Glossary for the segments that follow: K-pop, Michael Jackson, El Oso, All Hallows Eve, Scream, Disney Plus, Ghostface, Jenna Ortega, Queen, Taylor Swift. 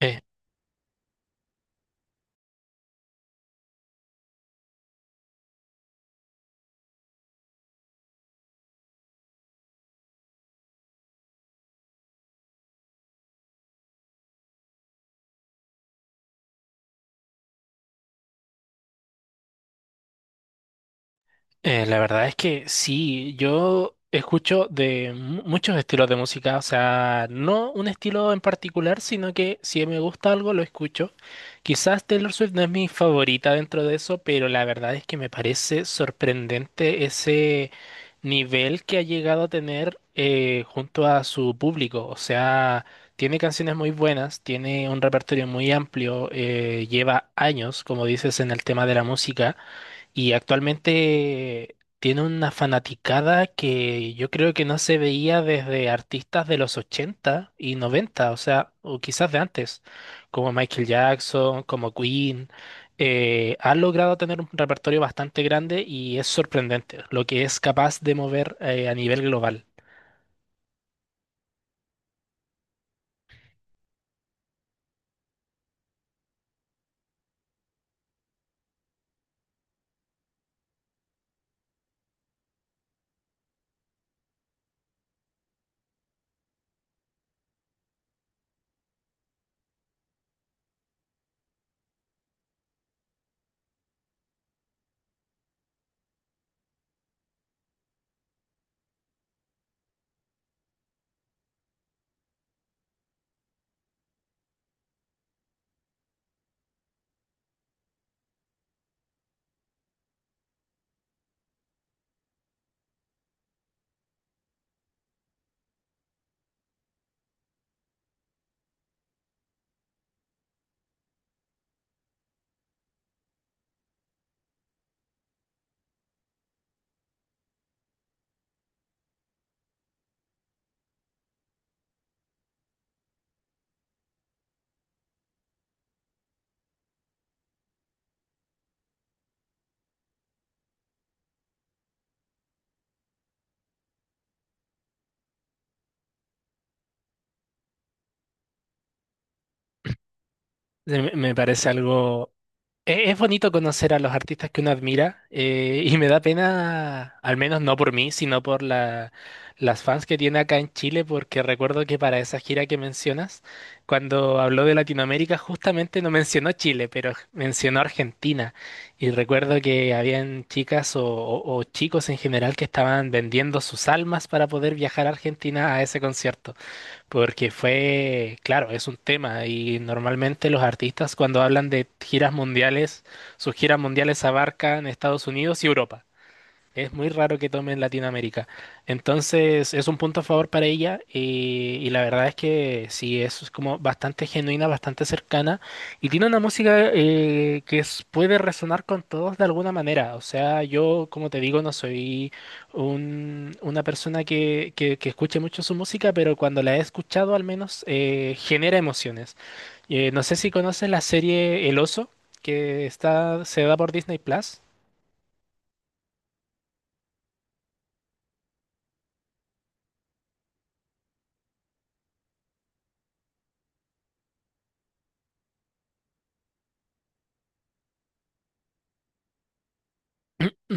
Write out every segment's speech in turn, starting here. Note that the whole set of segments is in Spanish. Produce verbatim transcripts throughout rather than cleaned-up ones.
Eh, eh, la verdad es que sí, yo escucho de mu- muchos estilos de música, o sea, no un estilo en particular, sino que si me gusta algo lo escucho. Quizás Taylor Swift no es mi favorita dentro de eso, pero la verdad es que me parece sorprendente ese nivel que ha llegado a tener eh, junto a su público. O sea, tiene canciones muy buenas, tiene un repertorio muy amplio, eh, lleva años, como dices, en el tema de la música. Y actualmente tiene una fanaticada que yo creo que no se veía desde artistas de los ochenta y noventa, o sea, o quizás de antes, como Michael Jackson, como Queen. Eh, ha logrado tener un repertorio bastante grande y es sorprendente lo que es capaz de mover eh, a nivel global. Se Me me parece algo. E- Es bonito conocer a los artistas que uno admira, eh, y me da pena, al menos no por mí, sino por la- las fans que tiene acá en Chile, porque recuerdo que para esa gira que mencionas, cuando habló de Latinoamérica, justamente no mencionó Chile, pero mencionó Argentina. Y recuerdo que habían chicas o, o o chicos en general que estaban vendiendo sus almas para poder viajar a Argentina a ese concierto, porque fue, claro, es un tema, y normalmente los artistas cuando hablan de giras mundiales, sus giras mundiales abarcan Estados Unidos y Europa. Es muy raro que tome en Latinoamérica. Entonces, es un punto a favor para ella, y, y la verdad es que sí, es como bastante genuina, bastante cercana, y tiene una música eh, que es- puede resonar con todos de alguna manera. O sea, yo, como te digo, no soy un- una persona que, que- que escuche mucho su música, pero cuando la he escuchado al menos eh, genera emociones. Eh, no sé si conoces la serie El Oso, que está, se da por Disney Plus.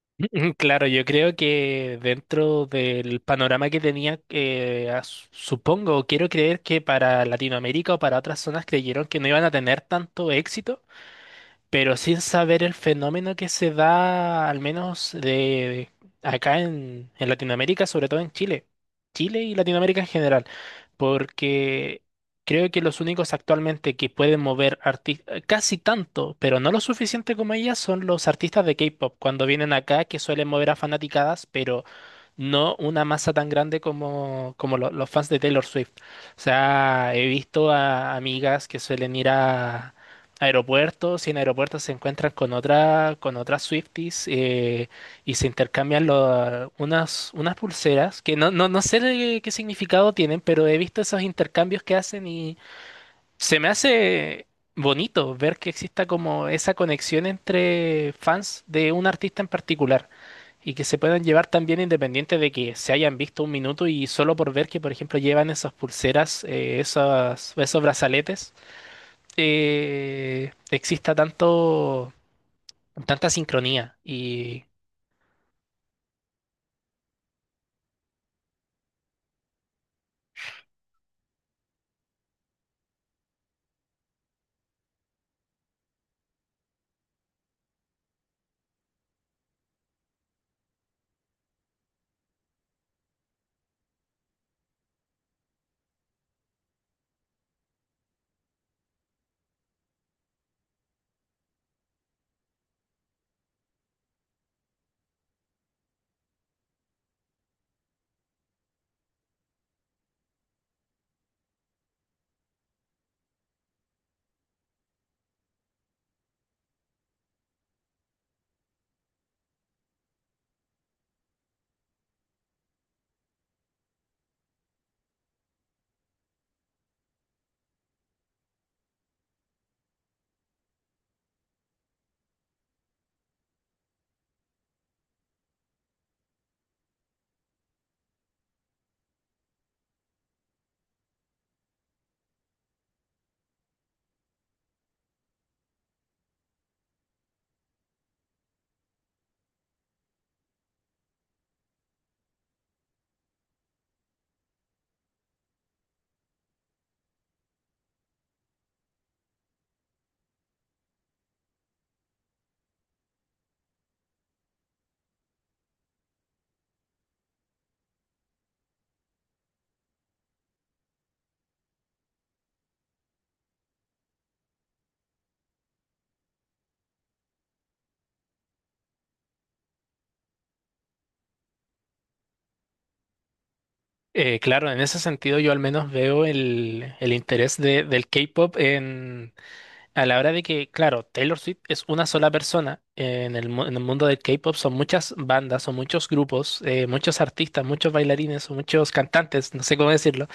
Mm, claro, yo creo que dentro del panorama que tenía, eh, as- supongo, quiero creer que para Latinoamérica o para otras zonas creyeron que no iban a tener tanto éxito, pero sin saber el fenómeno que se da, al menos de acá en, en Latinoamérica, sobre todo en Chile. Chile y Latinoamérica en general, porque creo que los únicos actualmente que pueden mover arti- casi tanto, pero no lo suficiente como ellas, son los artistas de K-pop, cuando vienen acá, que suelen mover a fanaticadas, pero no una masa tan grande como, como lo- los fans de Taylor Swift. O sea, he visto a amigas que suelen ir a aeropuertos, y en aeropuertos se encuentran con otra, con otras Swifties, eh, y se intercambian lo- unas, unas pulseras que no, no, no sé de qué significado tienen, pero he visto esos intercambios que hacen, y se me hace bonito ver que exista como esa conexión entre fans de un artista en particular. Y que se puedan llevar también independiente de que se hayan visto un minuto, y solo por ver que, por ejemplo, llevan esas pulseras, eh, esas- esos brazaletes, eh, exista tanto, tanta sincronía. Y eh, claro, en ese sentido yo al menos veo el, el interés de- del K-pop en a la hora de que, claro, Taylor Swift es una sola persona, eh, en el, mu- en el mundo del K-pop son muchas bandas, son muchos grupos, eh, muchos artistas, muchos bailarines, son muchos cantantes, no sé cómo decirlo,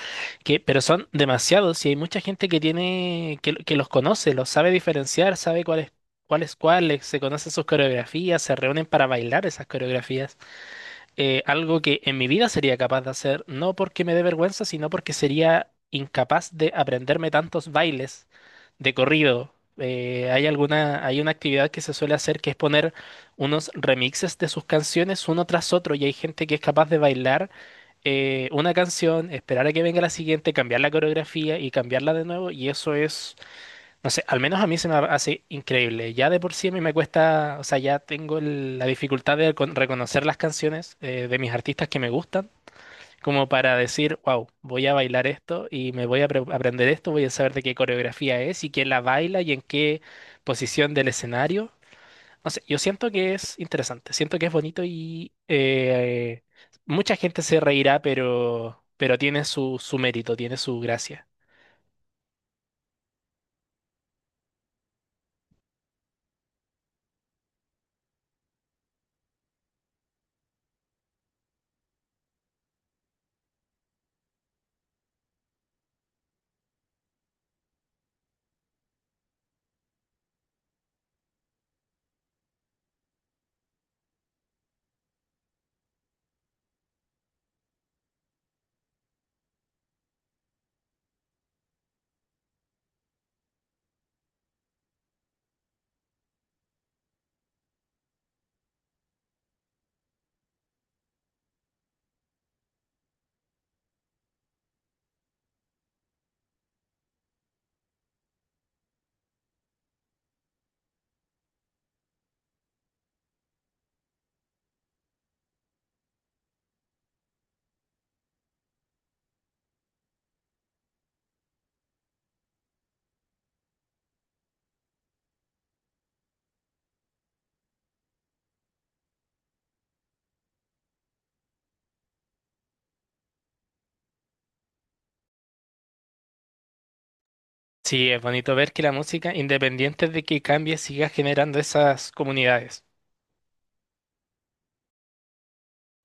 que, pero son demasiados, y hay mucha gente que tiene, que, que los conoce, los sabe diferenciar, sabe cuál es, cuál es cuál, eh, se conocen sus coreografías, se reúnen para bailar esas coreografías, eh, algo que en mi vida sería capaz de hacer, no porque me dé vergüenza, sino porque sería incapaz de aprenderme tantos bailes de corrido. Eh, hay alguna, hay una actividad que se suele hacer, que es poner unos remixes de sus canciones uno tras otro, y hay gente que es capaz de bailar eh, una canción, esperar a que venga la siguiente, cambiar la coreografía y cambiarla de nuevo, y eso es, no sé, al menos a mí se me hace increíble. Ya de por sí a mí me cuesta, o sea, ya tengo el- la dificultad de recon- reconocer las canciones eh, de mis artistas que me gustan, como para decir, wow, voy a bailar esto, y me voy a apre- aprender esto, voy a saber de qué coreografía es, y quién la baila, y en qué posición del escenario. No sé, yo siento que es interesante, siento que es bonito, y eh, mucha gente se reirá, pero, pero tiene su, su mérito, tiene su gracia. Sí, es bonito ver que la música, independiente de que cambie, siga generando esas comunidades.